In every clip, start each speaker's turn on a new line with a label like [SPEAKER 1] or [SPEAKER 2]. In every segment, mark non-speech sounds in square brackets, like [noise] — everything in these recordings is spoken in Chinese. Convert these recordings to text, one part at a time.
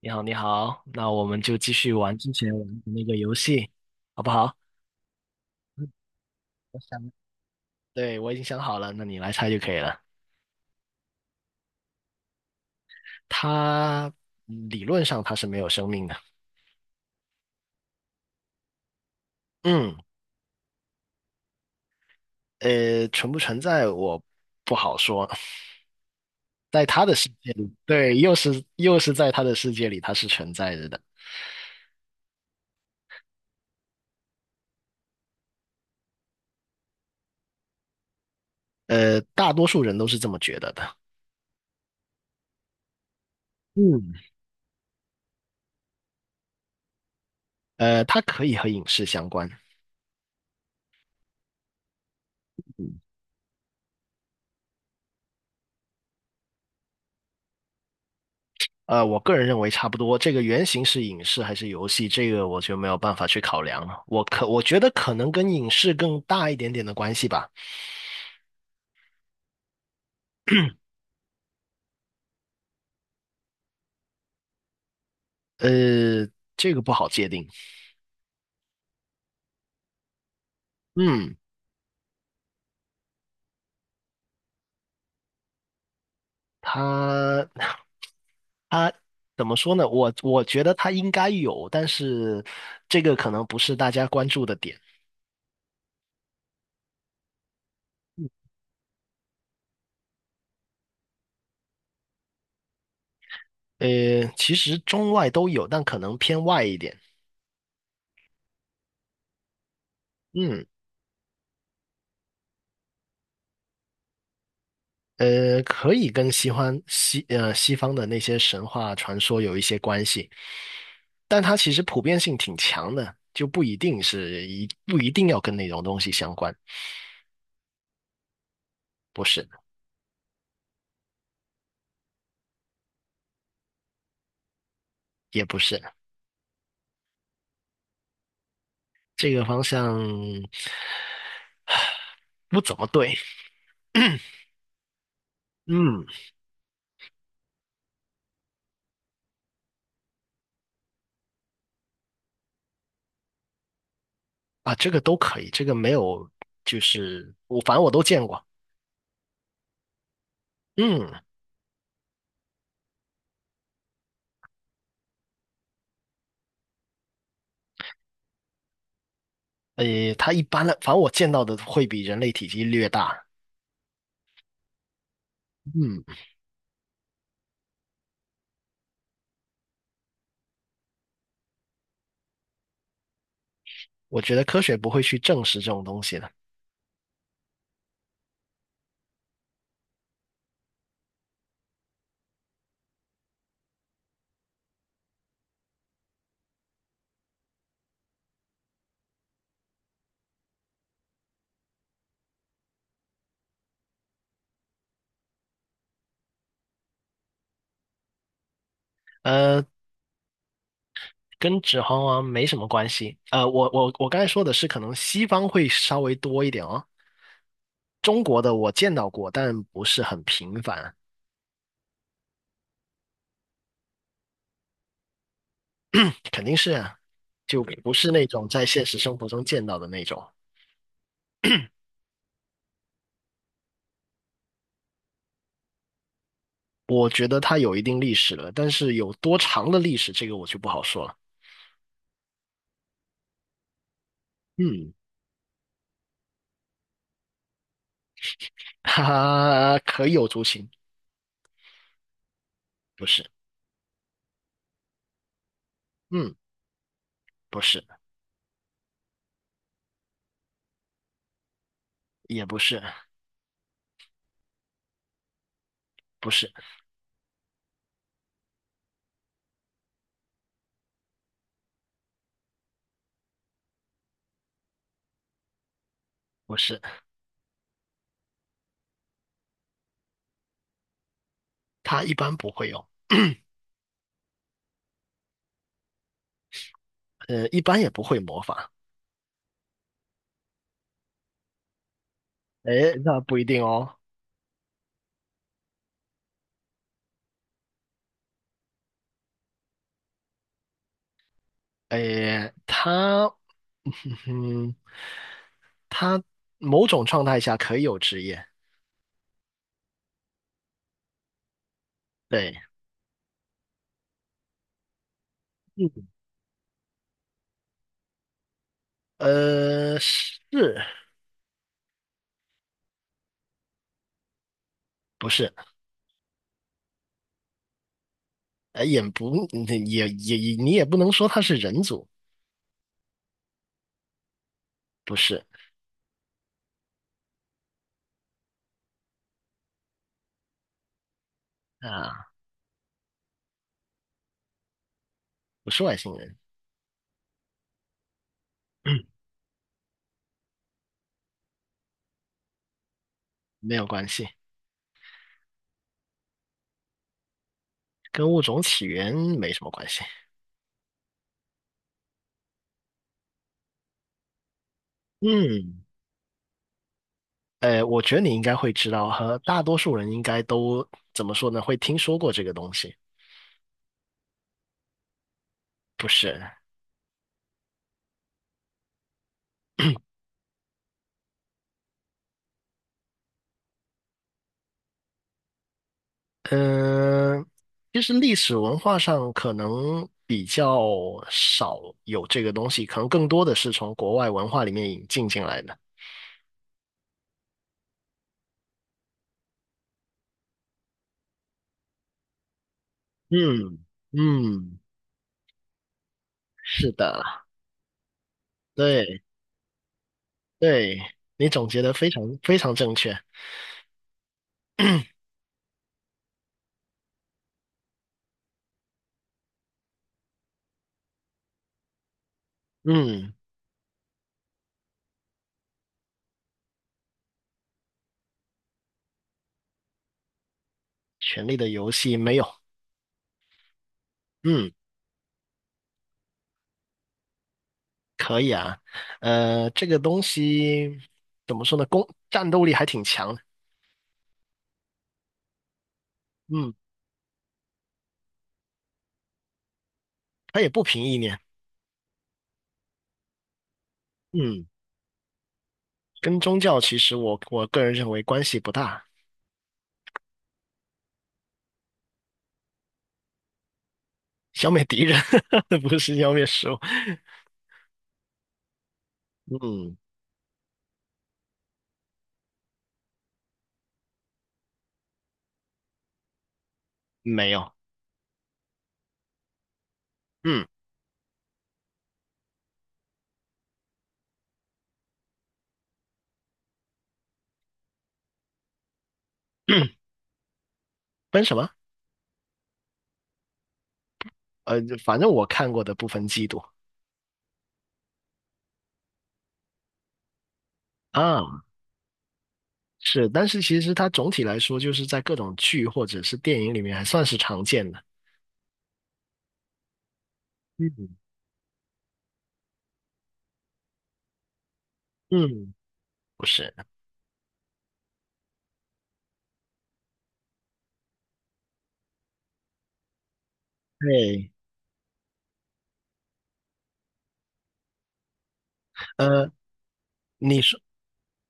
[SPEAKER 1] 你好，你好，那我们就继续玩之前玩的那个游戏，好不好？嗯，我想，对，我已经想好了，那你来猜就可以了。它理论上它是没有生命的。嗯，存不存在我不好说，在它的世界里，对，又是在它的世界里，它是存在着的。大多数人都是这么觉得的。嗯，它可以和影视相关。嗯我个人认为差不多。这个原型是影视还是游戏，这个我就没有办法去考量了。我觉得可能跟影视更大一点点的关系吧。呃，这个不好界定。嗯，它 [laughs] 它怎么说呢？我觉得它应该有，但是这个可能不是大家关注的点。其实中外都有，但可能偏外一点。嗯。可以跟西方西方的那些神话传说有一些关系，但它其实普遍性挺强的，就不一定是一不一定要跟那种东西相关。不是，也不是，这个方向不怎么对。[clears throat] 嗯，啊，这个都可以，这个没有，就是我反正我都见过。嗯，它一般的，反正我见到的会比人类体积略大。嗯，我觉得科学不会去证实这种东西的。呃，跟指环王没什么关系。我刚才说的是，可能西方会稍微多一点哦。中国的我见到过，但不是很频繁。[clears throat] 肯定是啊，就不是那种在现实生活中见到的那种。我觉得它有一定历史了，但是有多长的历史，这个我就不好说了。嗯，哈哈，可有族群？不是，嗯，不是，也不是，不是，不是，他一般不会有。[clears throat] 一般也不会模仿。哎，那不一定哦。哎，他，嗯，某种状态下可以有职业。对。嗯。呃，是不是？呃，也不，嗯也也也，你也不能说他是人族。不是啊，不是外星人。[clears throat] 没有关系，跟物种起源没什么关系。嗯，我觉得你应该会知道，和大多数人应该都怎么说呢？会听说过这个东西。不是？嗯、其实历史文化上可能比较少有这个东西，可能更多的是从国外文化里面引进进来的。嗯，嗯，是的，对，对，你总结的非常正确。嗯，《权力的游戏》没有。嗯，可以啊。这个东西怎么说呢？战斗力还挺强的。嗯，它也不凭意念。嗯，跟宗教其实我个人认为关系不大。消灭敌人 [laughs] 不是消灭食物。嗯，没有。嗯，[clears throat] 分什么？呃，反正我看过的不分季度啊。是，但是其实它总体来说，就是在各种剧或者是电影里面还算是常见的。嗯，嗯，不是，对，呃，你说，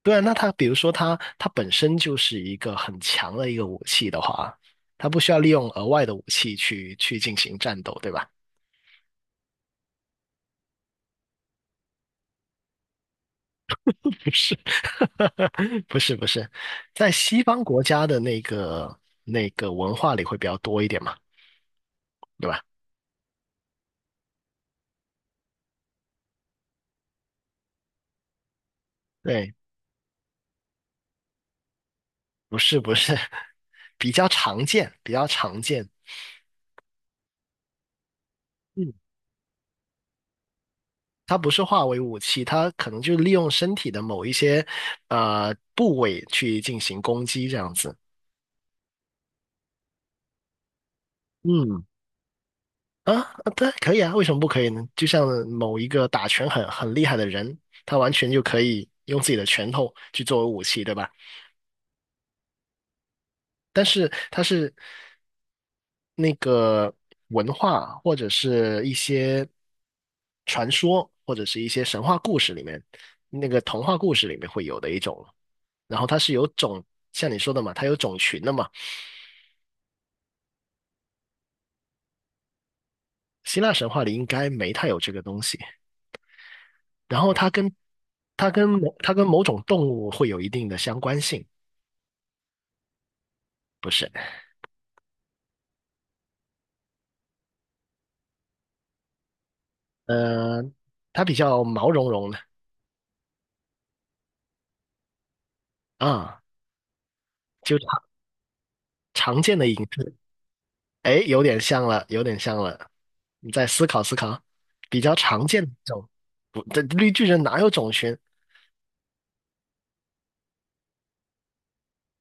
[SPEAKER 1] 对啊，那它比如说它本身就是一个很强的一个武器的话，它不需要利用额外的武器去进行战斗，对吧？[laughs] 不是，[laughs] 不是，不是，在西方国家的那个文化里会比较多一点嘛，对吧？对，不是，不是，[laughs] 比较常见，比较常见。嗯。它不是化为武器，它可能就利用身体的某一些部位去进行攻击这样子。嗯啊，啊对，可以啊，为什么不可以呢？就像某一个打拳很厉害的人，他完全就可以用自己的拳头去作为武器，对吧？但是它是那个文化或者是一些传说或者是一些神话故事里面，那个童话故事里面会有的一种。然后它是有种，像你说的嘛，它有种群的嘛。希腊神话里应该没太有这个东西。然后它跟某种动物会有一定的相关性。不是？呃，它比较毛茸茸的啊，就常常见的影，哎，有点像了，有点像了。你再思考思考，比较常见的种，不，这绿巨人哪有种群？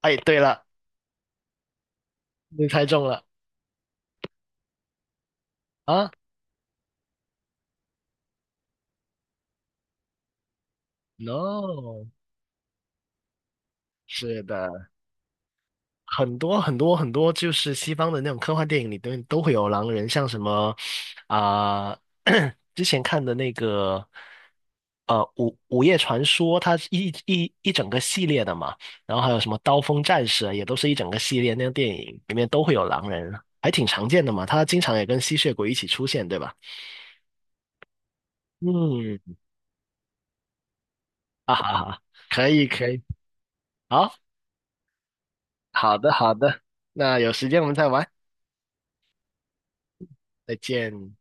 [SPEAKER 1] 哎，对了，你猜中了。啊？No，是的。很多，就是西方的那种科幻电影里都会有狼人，像什么啊、[clears throat] 之前看的那个呃午夜传说》，它是一整个系列的嘛，然后还有什么《刀锋战士》啊，也都是一整个系列那个电影里面都会有狼人，还挺常见的嘛。它经常也跟吸血鬼一起出现，对吧？嗯，[laughs] 啊哈哈，可以可以，好，好的好的，那有时间我们再玩，再见。